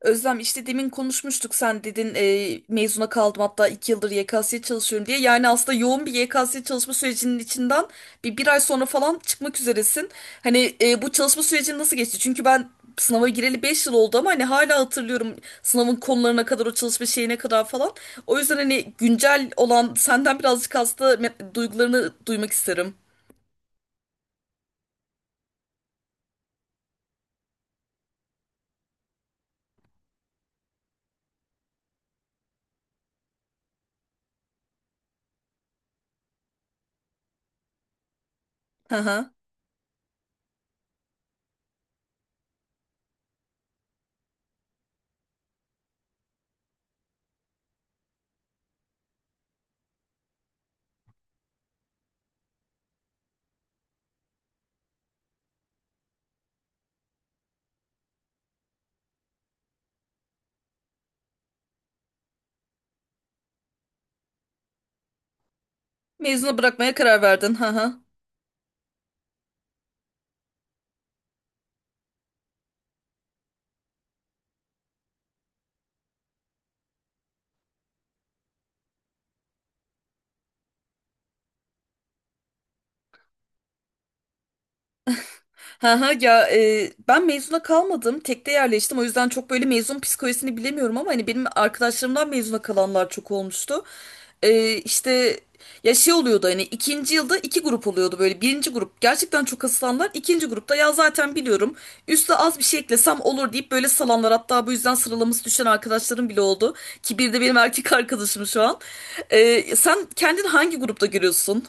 Özlem işte demin konuşmuştuk sen dedin mezuna kaldım hatta 2 yıldır YKS'ye çalışıyorum diye. Yani aslında yoğun bir YKS çalışma sürecinin içinden bir ay sonra falan çıkmak üzeresin. Hani bu çalışma süreci nasıl geçti? Çünkü ben sınava gireli 5 yıl oldu ama hani hala hatırlıyorum sınavın konularına kadar o çalışma şeyine kadar falan. O yüzden hani güncel olan senden birazcık duygularını duymak isterim. Hı hı. Mezuna bırakmaya karar verdin. Hı hı. Ha ha, ya, ben mezuna kalmadım. Tekte yerleştim. O yüzden çok böyle mezun psikolojisini bilemiyorum ama hani benim arkadaşlarımdan mezuna kalanlar çok olmuştu. İşte ya şey oluyordu hani ikinci yılda iki grup oluyordu böyle. Birinci grup gerçekten çok asılanlar. İkinci grupta ya zaten biliyorum. Üste az bir şey eklesem olur deyip böyle salanlar. Hatta bu yüzden sıralaması düşen arkadaşlarım bile oldu. Ki bir de benim erkek arkadaşım şu an. Sen kendini hangi grupta görüyorsun?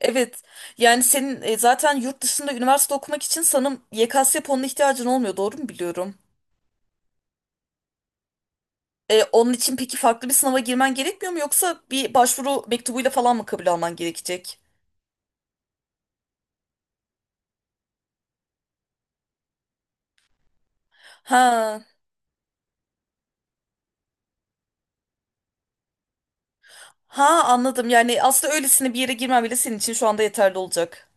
Evet. Yani senin zaten yurt dışında üniversite okumak için sanırım YKS puanına ihtiyacın olmuyor. Doğru mu biliyorum? Onun için peki farklı bir sınava girmen gerekmiyor mu yoksa bir başvuru mektubuyla falan mı kabul alman gerekecek? Ha. Ha, anladım. Yani aslında öylesine bir yere girmem bile senin için şu anda yeterli olacak.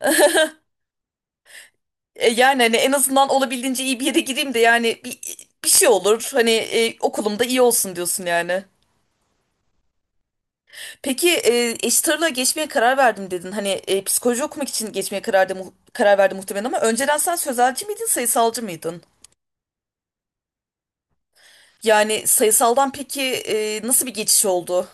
Yani hani en azından olabildiğince iyi bir yere gireyim de yani bir şey olur. Hani okulumda iyi olsun diyorsun yani. Peki eşit ağırlığa geçmeye karar verdim dedin. Hani psikoloji okumak için geçmeye karar verdi muhtemelen ama önceden sen sözelci miydin, sayısalcı mıydın? Yani sayısaldan peki nasıl bir geçiş oldu?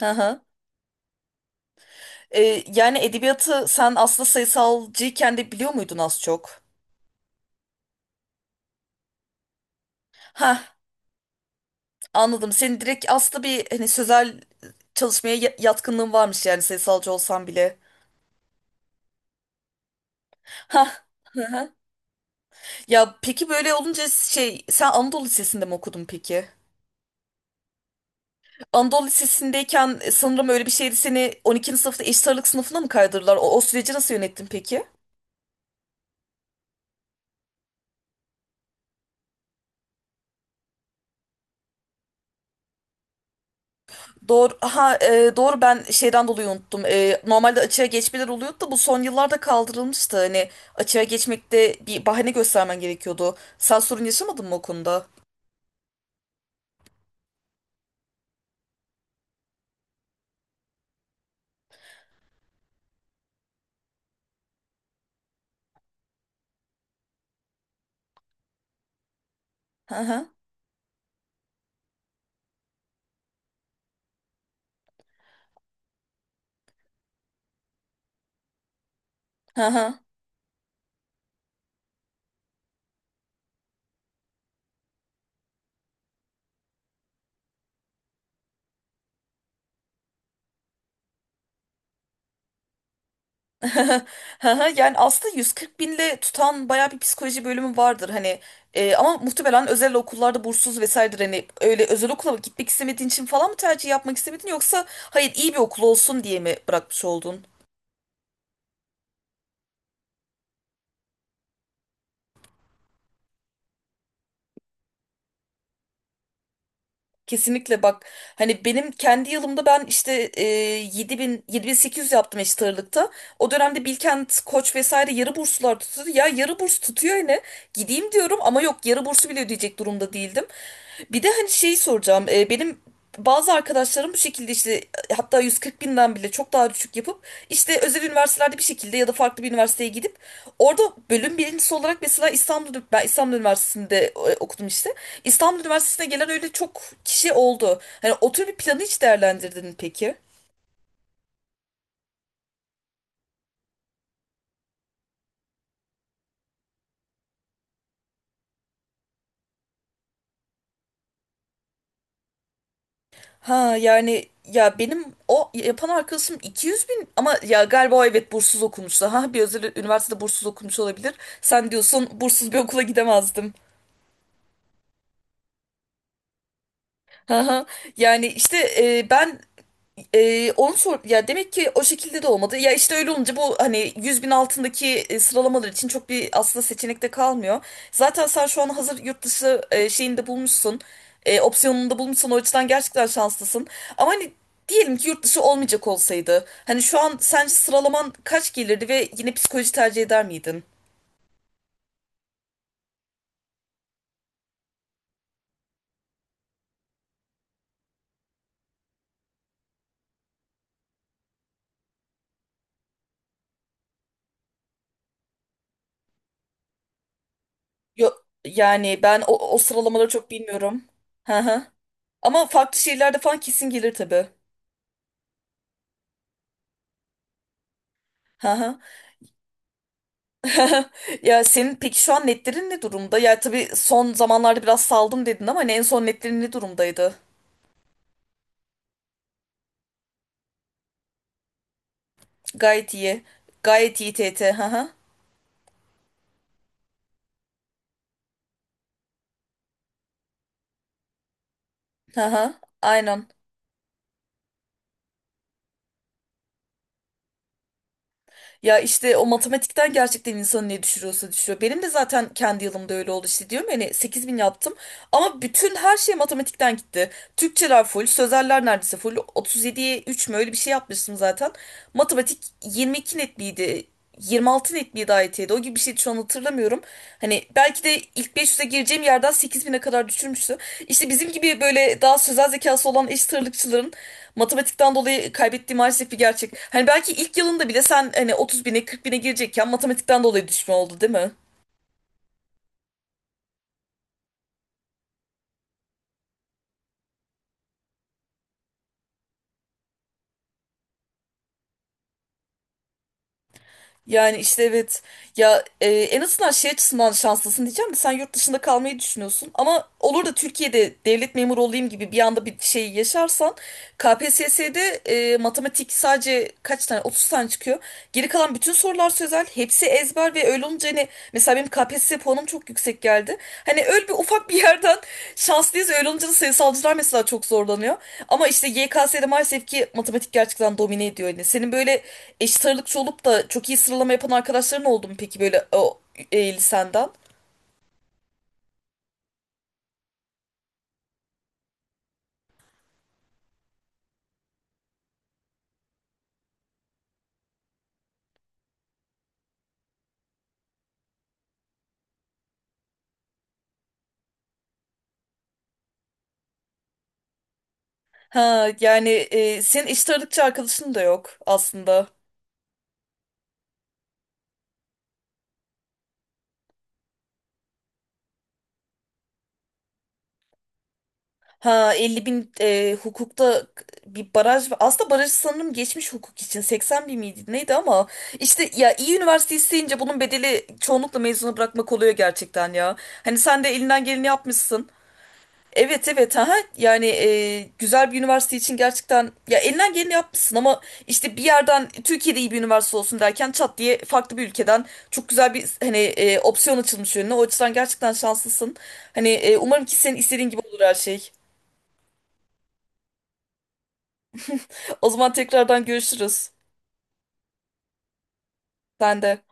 Hı hı. Yani edebiyatı sen aslında sayısalcıyken de biliyor muydun az çok? Ha, anladım. Senin direkt aslında bir hani sözel çalışmaya yatkınlığın varmış yani sayısalcı olsan bile. Ha. Hı hı. Ya peki böyle olunca şey sen Anadolu Lisesi'nde mi okudun peki? Anadolu Lisesi'ndeyken sanırım öyle bir şeydi seni 12. sınıfta eşit ağırlık sınıfına mı kaydırdılar? O süreci nasıl yönettin peki? Doğru, ha, doğru ben şeyden dolayı unuttum. Normalde açığa geçmeler oluyordu da bu son yıllarda kaldırılmıştı. Hani açığa geçmekte bir bahane göstermen gerekiyordu. Sen sorun yaşamadın mı o konuda? Hı hı. Hı hı. Haha, yani aslında 140 binle tutan bayağı bir psikoloji bölümü vardır hani. Ama muhtemelen özel okullarda bursuz vesairedir hani öyle özel okula mı gitmek istemediğin için falan mı tercih yapmak istemedin yoksa hayır iyi bir okul olsun diye mi bırakmış oldun? Kesinlikle bak hani benim kendi yılımda ben işte 7000 7800 yaptım eşit ağırlıkta. O dönemde Bilkent, Koç vesaire yarı burslar tutuyordu. Ya yarı burs tutuyor yine. Gideyim diyorum ama yok yarı bursu bile ödeyecek durumda değildim. Bir de hani şeyi soracağım. Benim bazı arkadaşlarım bu şekilde işte hatta 140 binden bile çok daha düşük yapıp işte özel üniversitelerde bir şekilde ya da farklı bir üniversiteye gidip orada bölüm birincisi olarak mesela İstanbul, ben İstanbul Üniversitesi'nde okudum işte. İstanbul Üniversitesi'ne gelen öyle çok kişi oldu. Hani o tür bir planı hiç değerlendirdin mi peki? Ha yani ya benim o yapan arkadaşım 200 bin ama ya galiba o evet bursuz okumuştu. Ha bir özel üniversitede bursuz okumuş olabilir. Sen diyorsun bursuz bir okula gidemezdim. Haha. Yani işte ben onu sor ya demek ki o şekilde de olmadı. Ya işte öyle olunca bu hani 100 bin altındaki sıralamalar için çok bir aslında seçenek de kalmıyor. Zaten sen şu an hazır yurt dışı şeyini de bulmuşsun. Opsiyonunu da bulmuşsun. O açıdan gerçekten şanslısın. Ama hani diyelim ki yurt dışı olmayacak olsaydı. Hani şu an sence sıralaman kaç gelirdi ve yine psikoloji tercih eder miydin? Yo, yani ben o sıralamaları çok bilmiyorum. Hı hı. Ama farklı şehirlerde falan kesin gelir tabii. Hı hı. Ya senin peki şu an netlerin ne durumda? Ya tabii son zamanlarda biraz saldım dedin ama hani en son netlerin ne durumdaydı? Gayet iyi. Gayet iyi TT. Hı hı. Hı hı. Aynen. Ya işte o matematikten gerçekten insanı ne düşürüyorsa düşürüyor. Benim de zaten kendi yılımda öyle oldu işte diyorum yani 8 bin yaptım ama bütün her şey matematikten gitti. Türkçeler full, sözeller neredeyse full. 37'ye 3 mü öyle bir şey yapmıştım zaten. Matematik 22 net miydi? 26 net miydi IT'de? O gibi bir şeydi şu an hatırlamıyorum. Hani belki de ilk 500'e gireceğim yerden 8000'e kadar düşürmüştü. İşte bizim gibi böyle daha sözel zekası olan eşit ağırlıkçıların matematikten dolayı kaybettiği maalesef bir gerçek. Hani belki ilk yılında bile sen hani 30 bine 40 bine girecekken matematikten dolayı düşme oldu değil mi? Yani işte evet, en azından şey açısından şanslısın diyeceğim de sen yurt dışında kalmayı düşünüyorsun ama olur da Türkiye'de devlet memuru olayım gibi bir anda bir şey yaşarsan KPSS'de matematik sadece kaç tane 30 tane çıkıyor. Geri kalan bütün sorular sözel hepsi ezber ve olunca hani mesela benim KPSS puanım çok yüksek geldi. Hani öyle bir ufak bir yerden şanslıyız. Öyle olunca da sayısalcılar mesela çok zorlanıyor. Ama işte YKS'de maalesef ki matematik gerçekten domine ediyor. Yani senin böyle eşit ağırlıkçı olup da çok iyi sıralama yapan arkadaşların oldu mu peki böyle o lisenden? Ha yani senin eşit ağırlıkçı arkadaşın da yok aslında. Ha 50 bin, hukukta bir baraj var. Aslında barajı sanırım geçmiş hukuk için 80 bin miydi neydi ama işte ya iyi üniversite isteyince bunun bedeli çoğunlukla mezunu bırakmak oluyor gerçekten ya. Hani sen de elinden geleni yapmışsın. Evet evet, ha, yani güzel bir üniversite için gerçekten ya elinden geleni yapmışsın ama işte bir yerden Türkiye'de iyi bir üniversite olsun derken çat diye farklı bir ülkeden çok güzel bir hani opsiyon açılmış önüne. O açıdan gerçekten şanslısın. Hani umarım ki senin istediğin gibi olur her şey. O zaman tekrardan görüşürüz. Sen de.